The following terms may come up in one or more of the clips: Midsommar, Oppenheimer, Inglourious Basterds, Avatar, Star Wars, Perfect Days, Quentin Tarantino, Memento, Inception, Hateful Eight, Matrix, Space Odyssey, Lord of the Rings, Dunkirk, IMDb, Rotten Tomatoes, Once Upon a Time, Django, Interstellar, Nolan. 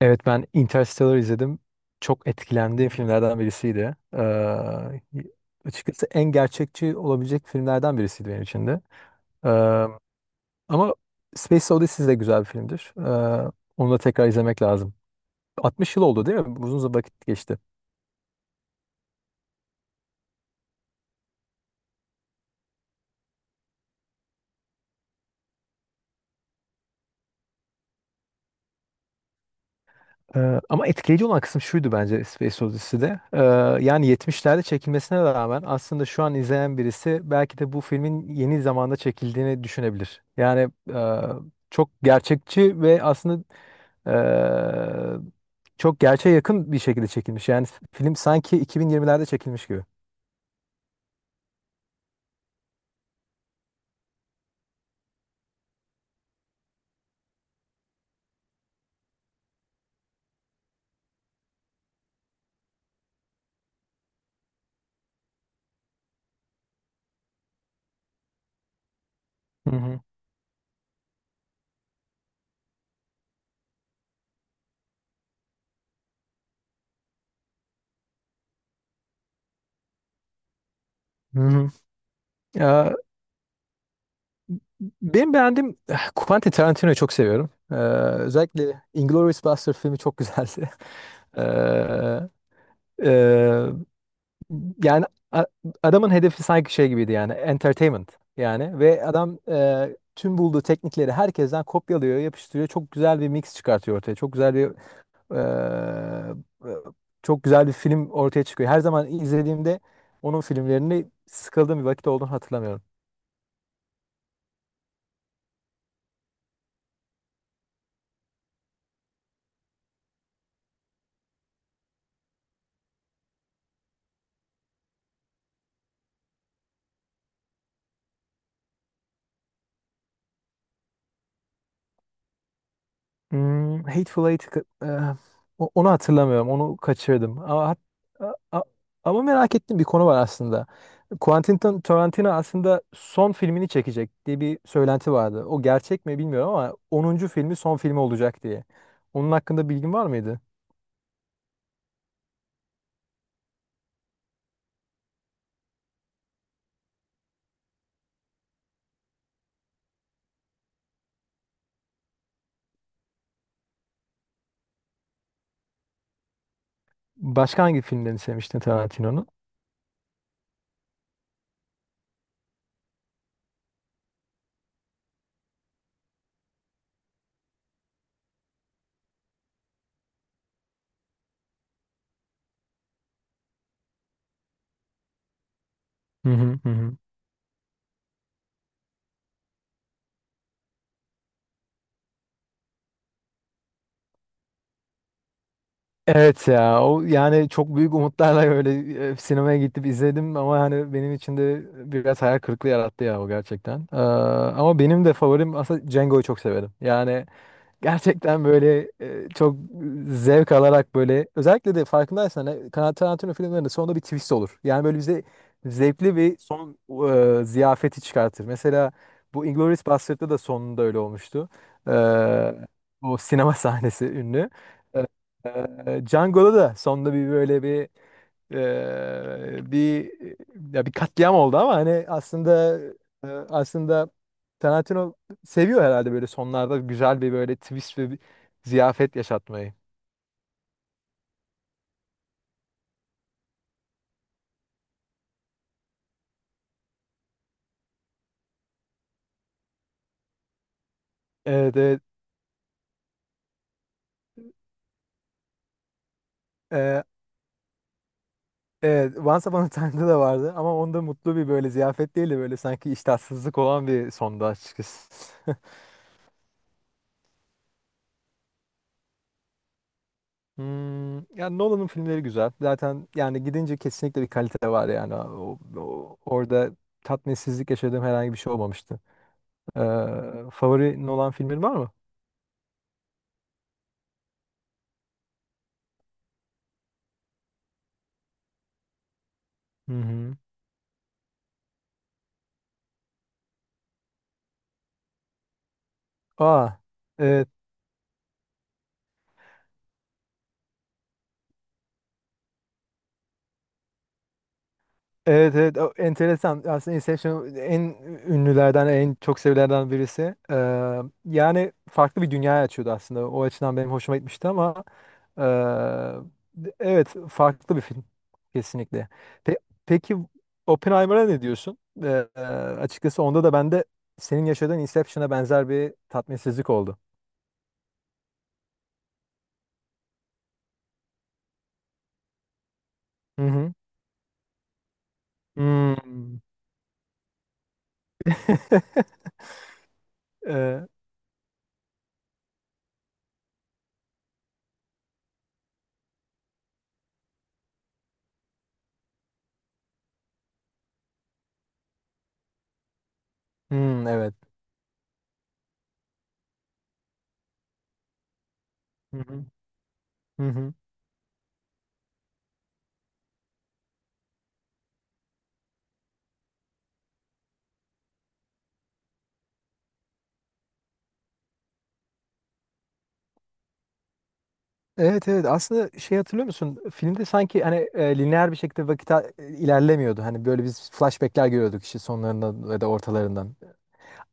Evet, ben Interstellar izledim. Çok etkilendiğim filmlerden birisiydi. Açıkçası en gerçekçi olabilecek filmlerden birisiydi benim için de. Ee, Ama Space Odyssey de güzel bir filmdir. Onu da tekrar izlemek lazım. 60 yıl oldu değil mi? Uzun zaman, vakit geçti. Ama etkileyici olan kısım şuydu bence Space Odyssey'de. Yani 70'lerde çekilmesine rağmen aslında şu an izleyen birisi belki de bu filmin yeni zamanda çekildiğini düşünebilir. Yani çok gerçekçi ve aslında e, çok gerçeğe yakın bir şekilde çekilmiş. Yani film sanki 2020'lerde çekilmiş gibi. Hı hı. Hı hı. Ee, Benim beğendiğim, Quentin Tarantino'yu çok seviyorum. Özellikle Inglourious Basterds filmi çok güzeldi. Ee, Yani a- adamın hedefi sanki şey gibiydi, yani entertainment yani, ve adam tüm bulduğu teknikleri herkesten kopyalıyor, yapıştırıyor. Çok güzel bir mix çıkartıyor ortaya. E, e, Çok güzel bir film ortaya çıkıyor. Her zaman izlediğimde onun filmlerini sıkıldığım bir vakit olduğunu hatırlamıyorum. Hmm. Hateful Eight'i ka- eh, o- Onu hatırlamıyorum. Onu kaçırdım. Ama, hat- a- a- ama merak ettiğim bir konu var aslında. Tarantino aslında son filmini çekecek diye bir söylenti vardı. O gerçek mi bilmiyorum ama onuncu filmi son filmi olacak diye. Onun hakkında bilgin var mıydı? Başka hangi filmlerini sevmiştin Tarantino'nun? Hı hı hı. Hı. Evet ya, o, yani çok büyük umutlarla öyle sinemaya gidip izledim ama hani benim için de biraz hayal kırıklığı yarattı ya, o gerçekten. Ama benim de favorim aslında Django'yu çok severim. Yani gerçekten böyle, çok zevk alarak, böyle özellikle de farkındaysan Tarantino filmlerinde sonunda bir twist olur. Yani böyle bize zevkli bir son ziyafeti çıkartır. Mesela bu Inglourious Basterds'da da sonunda öyle olmuştu. E, O sinema sahnesi ünlü. E, Django'da da sonunda bir böyle bir bir ya bir katliam oldu, ama hani aslında e, aslında Tarantino seviyor herhalde böyle sonlarda güzel bir böyle twist ve bir ziyafet yaşatmayı. Evet, evet. Eee, evet, Once Upon a Time'da da vardı ama onda mutlu bir böyle ziyafet değil de böyle sanki iştahsızlık olan bir sondu açıkçası. Yani Nolan'ın filmleri güzel. Zaten yani, gidince kesinlikle bir kalite var yani. Orada tatminsizlik yaşadığım herhangi bir şey olmamıştı. Ee, Favorin olan filmin var mı? Hı hı. Aa, evet. Evet, evet. O enteresan. Aslında Inception en ünlülerden, en çok sevilenlerden birisi. Yani farklı bir dünya açıyordu aslında. O açıdan benim hoşuma gitmişti ama evet, farklı bir film kesinlikle. Pe- peki Oppenheimer'a ne diyorsun? Açıkçası onda da bende senin yaşadığın Inception'a benzer bir tatminsizlik oldu. Hı hı. Hmm. Hmm, evet. Hı hı. Hı hı. Evet, evet. Aslında, şey, hatırlıyor musun? Filmde sanki hani lineer bir şekilde vakit ilerlemiyordu. Hani böyle biz flashbackler görüyorduk işte, sonlarından ya da ortalarından.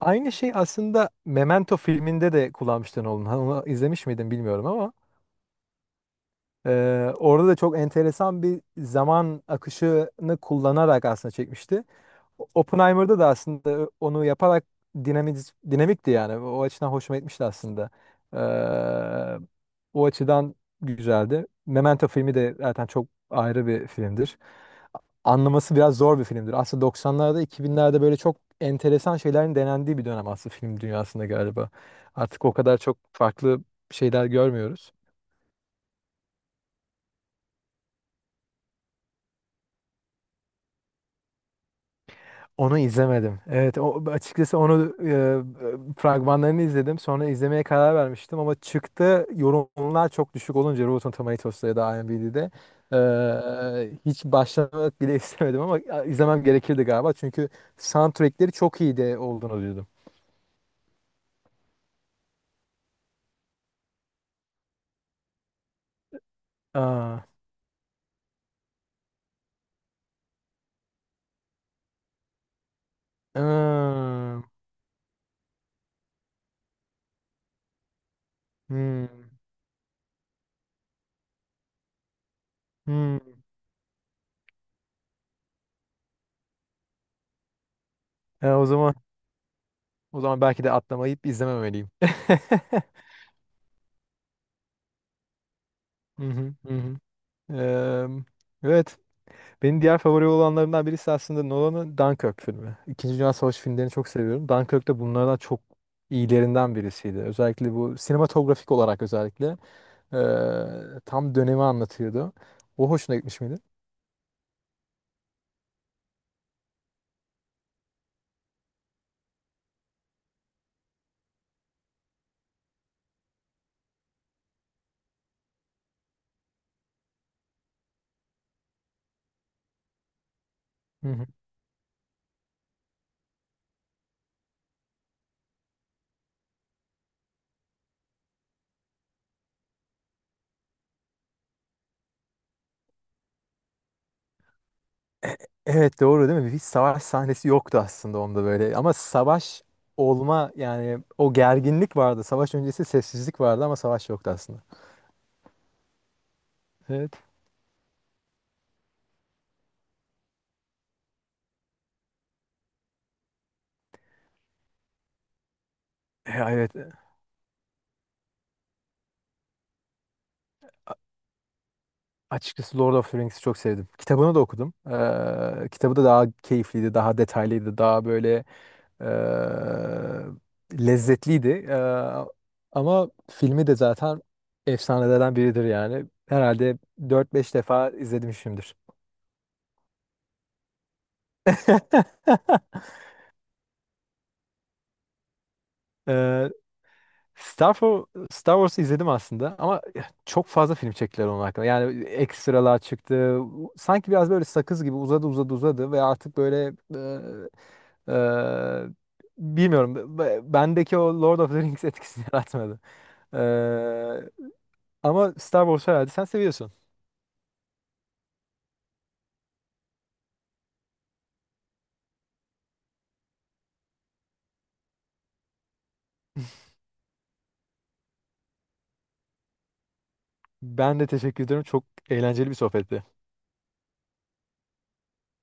Aynı şey aslında Memento filminde de kullanmıştı Nolan. Hani onu izlemiş miydin bilmiyorum ama. Orada da çok enteresan bir zaman akışını kullanarak aslında çekmişti. Oppenheimer'da da aslında onu yaparak dinamik, dinamikti yani. O açıdan hoşuma gitmişti aslında. Ee, O açıdan güzeldi. Memento filmi de zaten çok ayrı bir filmdir. Anlaması biraz zor bir filmdir. Aslında 90'larda, 2000'lerde böyle çok enteresan şeylerin denendiği bir dönem aslında film dünyasında galiba. Artık o kadar çok farklı şeyler görmüyoruz. Onu izlemedim. Evet, o, açıkçası onu fragmanlarını izledim. Sonra izlemeye karar vermiştim ama çıktı, yorumlar çok düşük olunca Rotten Tomatoes'ta ya da IMDb'de, hiç başlamak bile istemedim, ama izlemem gerekirdi galiba. Çünkü soundtrackleri çok iyi de olduğunu duydum. Aa. Aa. Hmm. Hmm. E, o zaman o zaman belki de atlamayıp izlememeliyim. Hı hı. Hı hı. Eee, evet. Benim diğer favori olanlarımdan birisi aslında Nolan'ın Dunkirk filmi. İkinci Dünya Savaşı filmlerini çok seviyorum. Dunkirk de bunlardan çok iyilerinden birisiydi. Özellikle bu sinematografik olarak, özellikle tam dönemi anlatıyordu. O hoşuna gitmiş miydi? Hı hı. Evet, doğru değil mi? Hiç savaş sahnesi yoktu aslında onda böyle. Ama savaş olma, yani o gerginlik vardı. Savaş öncesi sessizlik vardı ama savaş yoktu aslında. Evet. Evet. Açıkçası Lord of the Rings'i çok sevdim. Kitabını da okudum. Kitabı da daha keyifliydi, daha detaylıydı, daha böyle lezzetliydi. Ama filmi de zaten efsanelerden biridir yani. Herhalde dört beş defa izlemişimdir. Ee, Star Wars'u izledim aslında ama çok fazla film çektiler onun hakkında. Yani ekstralar çıktı. Sanki biraz böyle sakız gibi uzadı, uzadı, uzadı ve artık böyle Eee, bilmiyorum. Bendeki o Lord of the Rings etkisini yaratmadı. Eee, Ama Star Wars herhalde sen seviyorsun. Ben de teşekkür ederim. Çok eğlenceli bir sohbetti.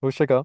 Hoşça kal.